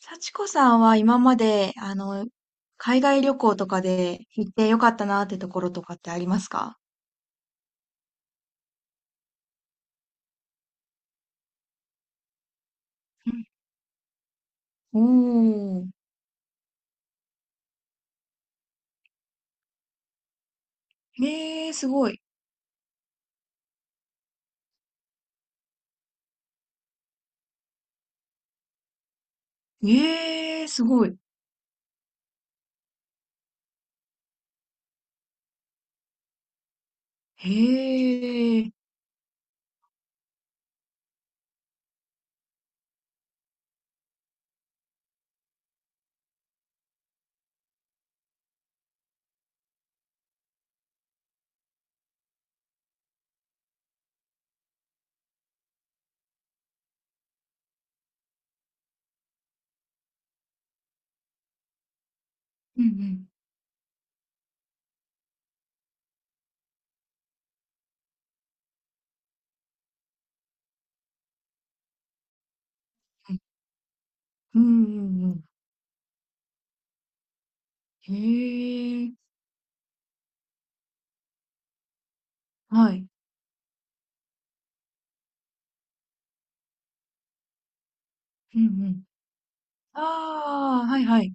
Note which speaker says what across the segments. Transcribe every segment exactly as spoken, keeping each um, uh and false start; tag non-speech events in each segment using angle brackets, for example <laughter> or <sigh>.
Speaker 1: 幸子さんは今まで、あの、海外旅行とかで行ってよかったなってところとかってありますか？うんおー。へえ、すごい。へえ、すごい。へえ。うんうん。うんうんうん。へえ。はい。うんうん。ああ、はいはい。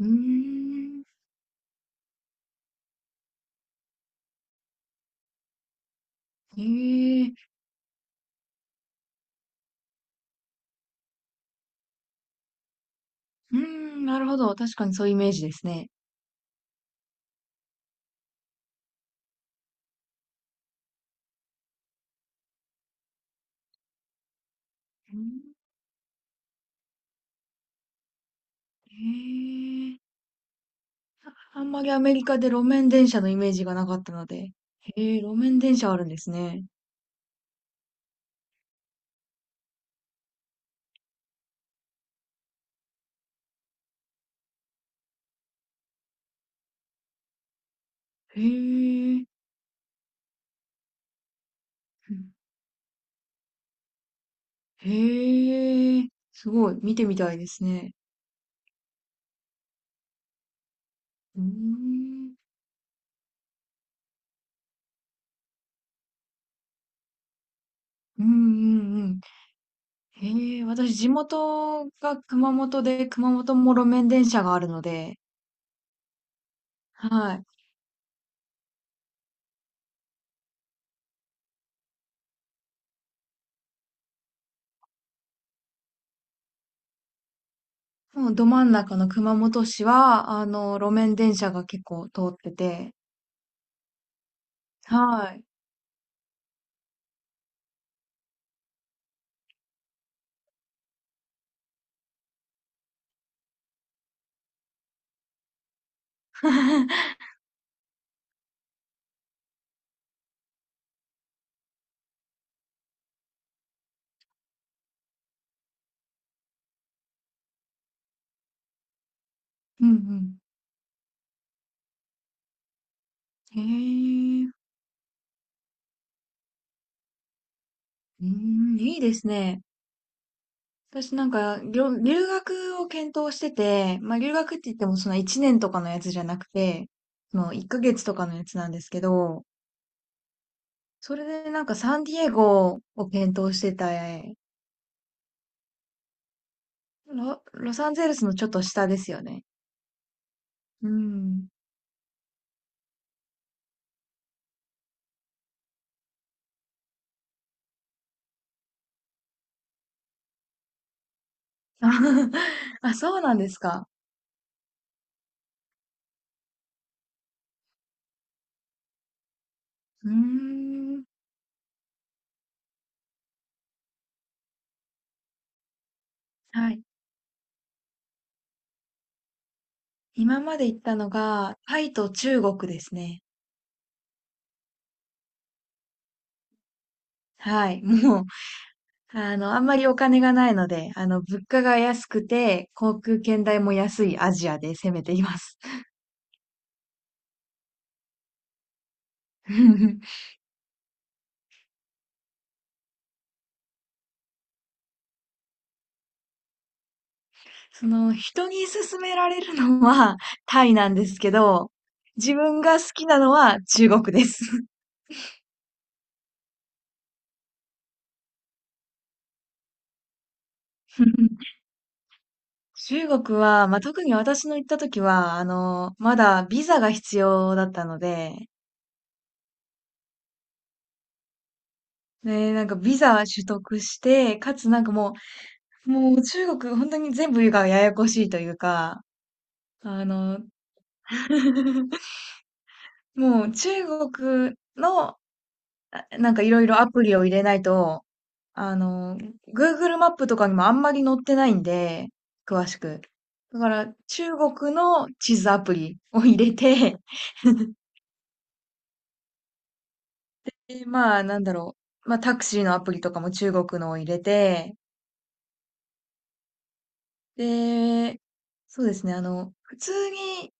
Speaker 1: うーん。へえ。うーん、なるほど。確かにそういうイメージですね。うん。へえ。あんまりアメリカで路面電車のイメージがなかったので。へえ、路面電車あるんですね。へえ、へえ、すごい、見てみたいですね。うーん、うんうんうん。へえ、私地元が熊本で、熊本も路面電車があるので、はい。もうど真ん中の熊本市は、あの、路面電車が結構通ってて、はい。<laughs> うんうん。へえ、うん、いいですね。私なんか、りょ留学を検討してて、まあ留学って言ってもそのいちねんとかのやつじゃなくて、そのいっかげつとかのやつなんですけど、それでなんかサンディエゴを検討してた。ロ、ロサンゼルスのちょっと下ですよね。うん。<laughs> あ、そうなんですか。うーん。はい。今まで行ったのが、タイと中国ですね。はい。もう、あの、あんまりお金がないので、あの、物価が安くて、航空券代も安いアジアで攻めています。<laughs> その、人に勧められるのはタイなんですけど、自分が好きなのは中国です。<laughs> 中国は、まあ、特に私の行った時は、あの、まだビザが必要だったので、ね、なんかビザ取得して、かつなんかもう、もう中国本当に全部がややこしいというか、あの、<laughs> もう中国の、あなんかいろいろアプリを入れないと、あの、Google マップとかにもあんまり載ってないんで、詳しく。だから中国の地図アプリを入れて <laughs> で、まあなんだろう。まあタクシーのアプリとかも中国のを入れて、で、そうですね、あの、普通に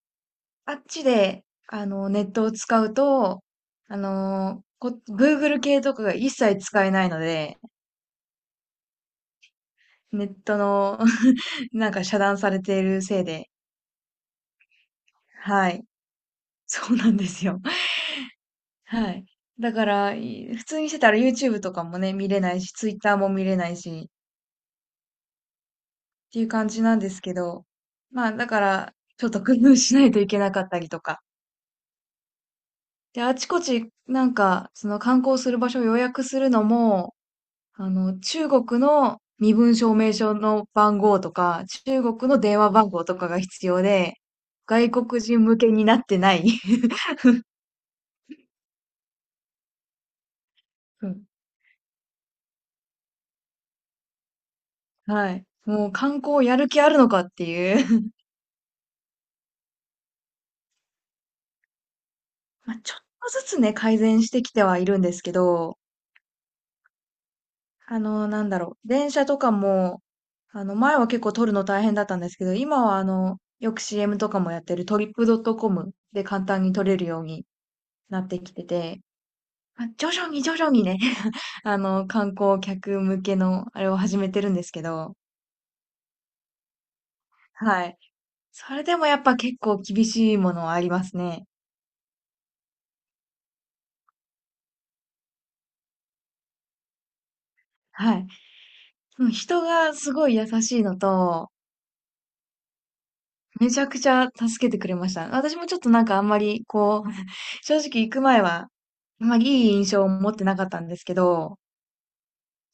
Speaker 1: あっちで、あの、ネットを使うと、あの、こ Google 系とかが一切使えないので、ネットの <laughs> なんか遮断されているせいで、はい。<laughs> そうなんですよ。はい。だから、い普通にしてたら ユーチューブ とかもね、見れないし、ツイッター も見れないし、っていう感じなんですけど、まあ、だから、ちょっと工夫しないといけなかったりとか。で、あちこち、なんか、その観光する場所を予約するのも、あの、中国の身分証明書の番号とか、中国の電話番号とかが必要で、外国人向けになってない。うん。はい。もう観光やる気あるのかっていう <laughs> まあ、ちょっとずつね、改善してきてはいるんですけど、あの、なんだろう、電車とかも、あの、前は結構撮るの大変だったんですけど、今はあの、よく シーエム とかもやってるトリップドットコムで簡単に撮れるようになってきてて、ま、徐々に徐々にね <laughs> あの、観光客向けのあれを始めてるんですけど、はい。それでもやっぱ結構厳しいものはありますね。はい。うん。人がすごい優しいのと、めちゃくちゃ助けてくれました。私もちょっとなんかあんまり、こう、<laughs> 正直行く前は、あんまりいい印象を持ってなかったんですけど、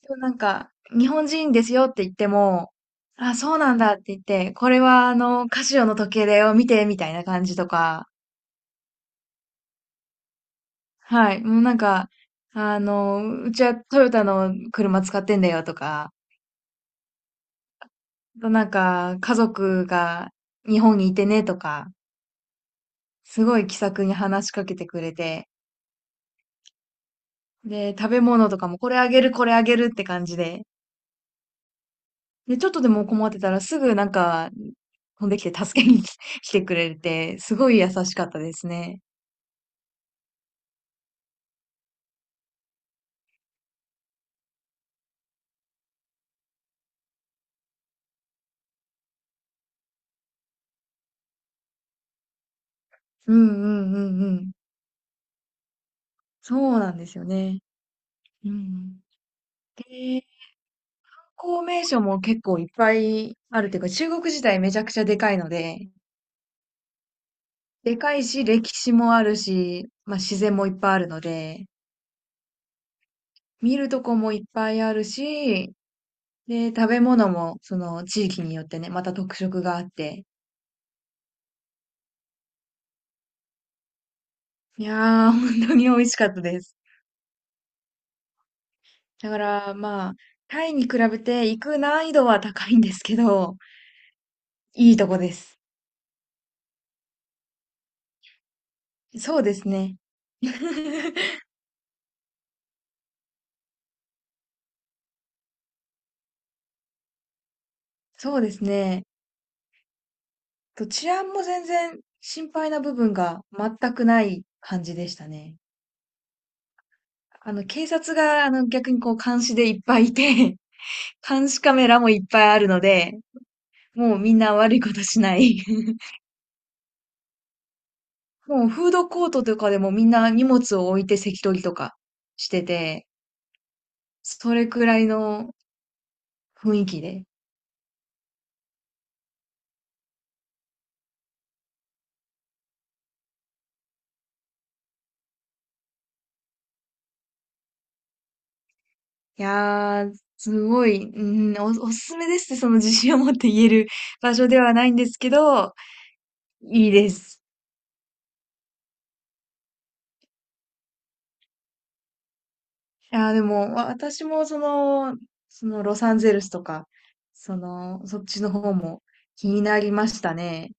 Speaker 1: でもなんか、日本人ですよって言っても、あ、そうなんだって言って、これはあの、カシオの時計だよ、見て、みたいな感じとか、はい、もうなんか、あの、うちはトヨタの車使ってんだよとか、あとなんか、家族が日本にいてねとか、すごい気さくに話しかけてくれて、で、食べ物とかもこれあげる、これあげるって感じで、で、ちょっとでも困ってたらすぐなんか飛んできて助けに <laughs> 来てくれて、すごい優しかったですね。うんうんうんうん。そうなんですよね。うんうん。で、観光名所も結構いっぱいあるというか、中国自体めちゃくちゃでかいので、でかいし、歴史もあるし、まあ自然もいっぱいあるので、見るとこもいっぱいあるし、で、食べ物もその地域によってね、また特色があって、いやー、本当に美味しかったです。だからまあ、タイに比べて行く難易度は高いんですけど、いいとこです。そうですね。<laughs> そうですね。と治安も全然心配な部分が全くない感じでしたね。あの、警察があの逆にこう監視でいっぱいいて、<laughs> 監視カメラもいっぱいあるので、もうみんな悪いことしない。もうフードコートとかでもみんな荷物を置いて席取りとかしてて、それくらいの雰囲気で。いやー、すごい、うん、お、おすすめですってその自信を持って言える場所ではないんですけど、いいです。いやー、でもわ私もその、そのロサンゼルスとか、その、そっちの方も気になりましたね。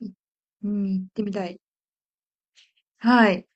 Speaker 1: いうん、行ってみたい。はい。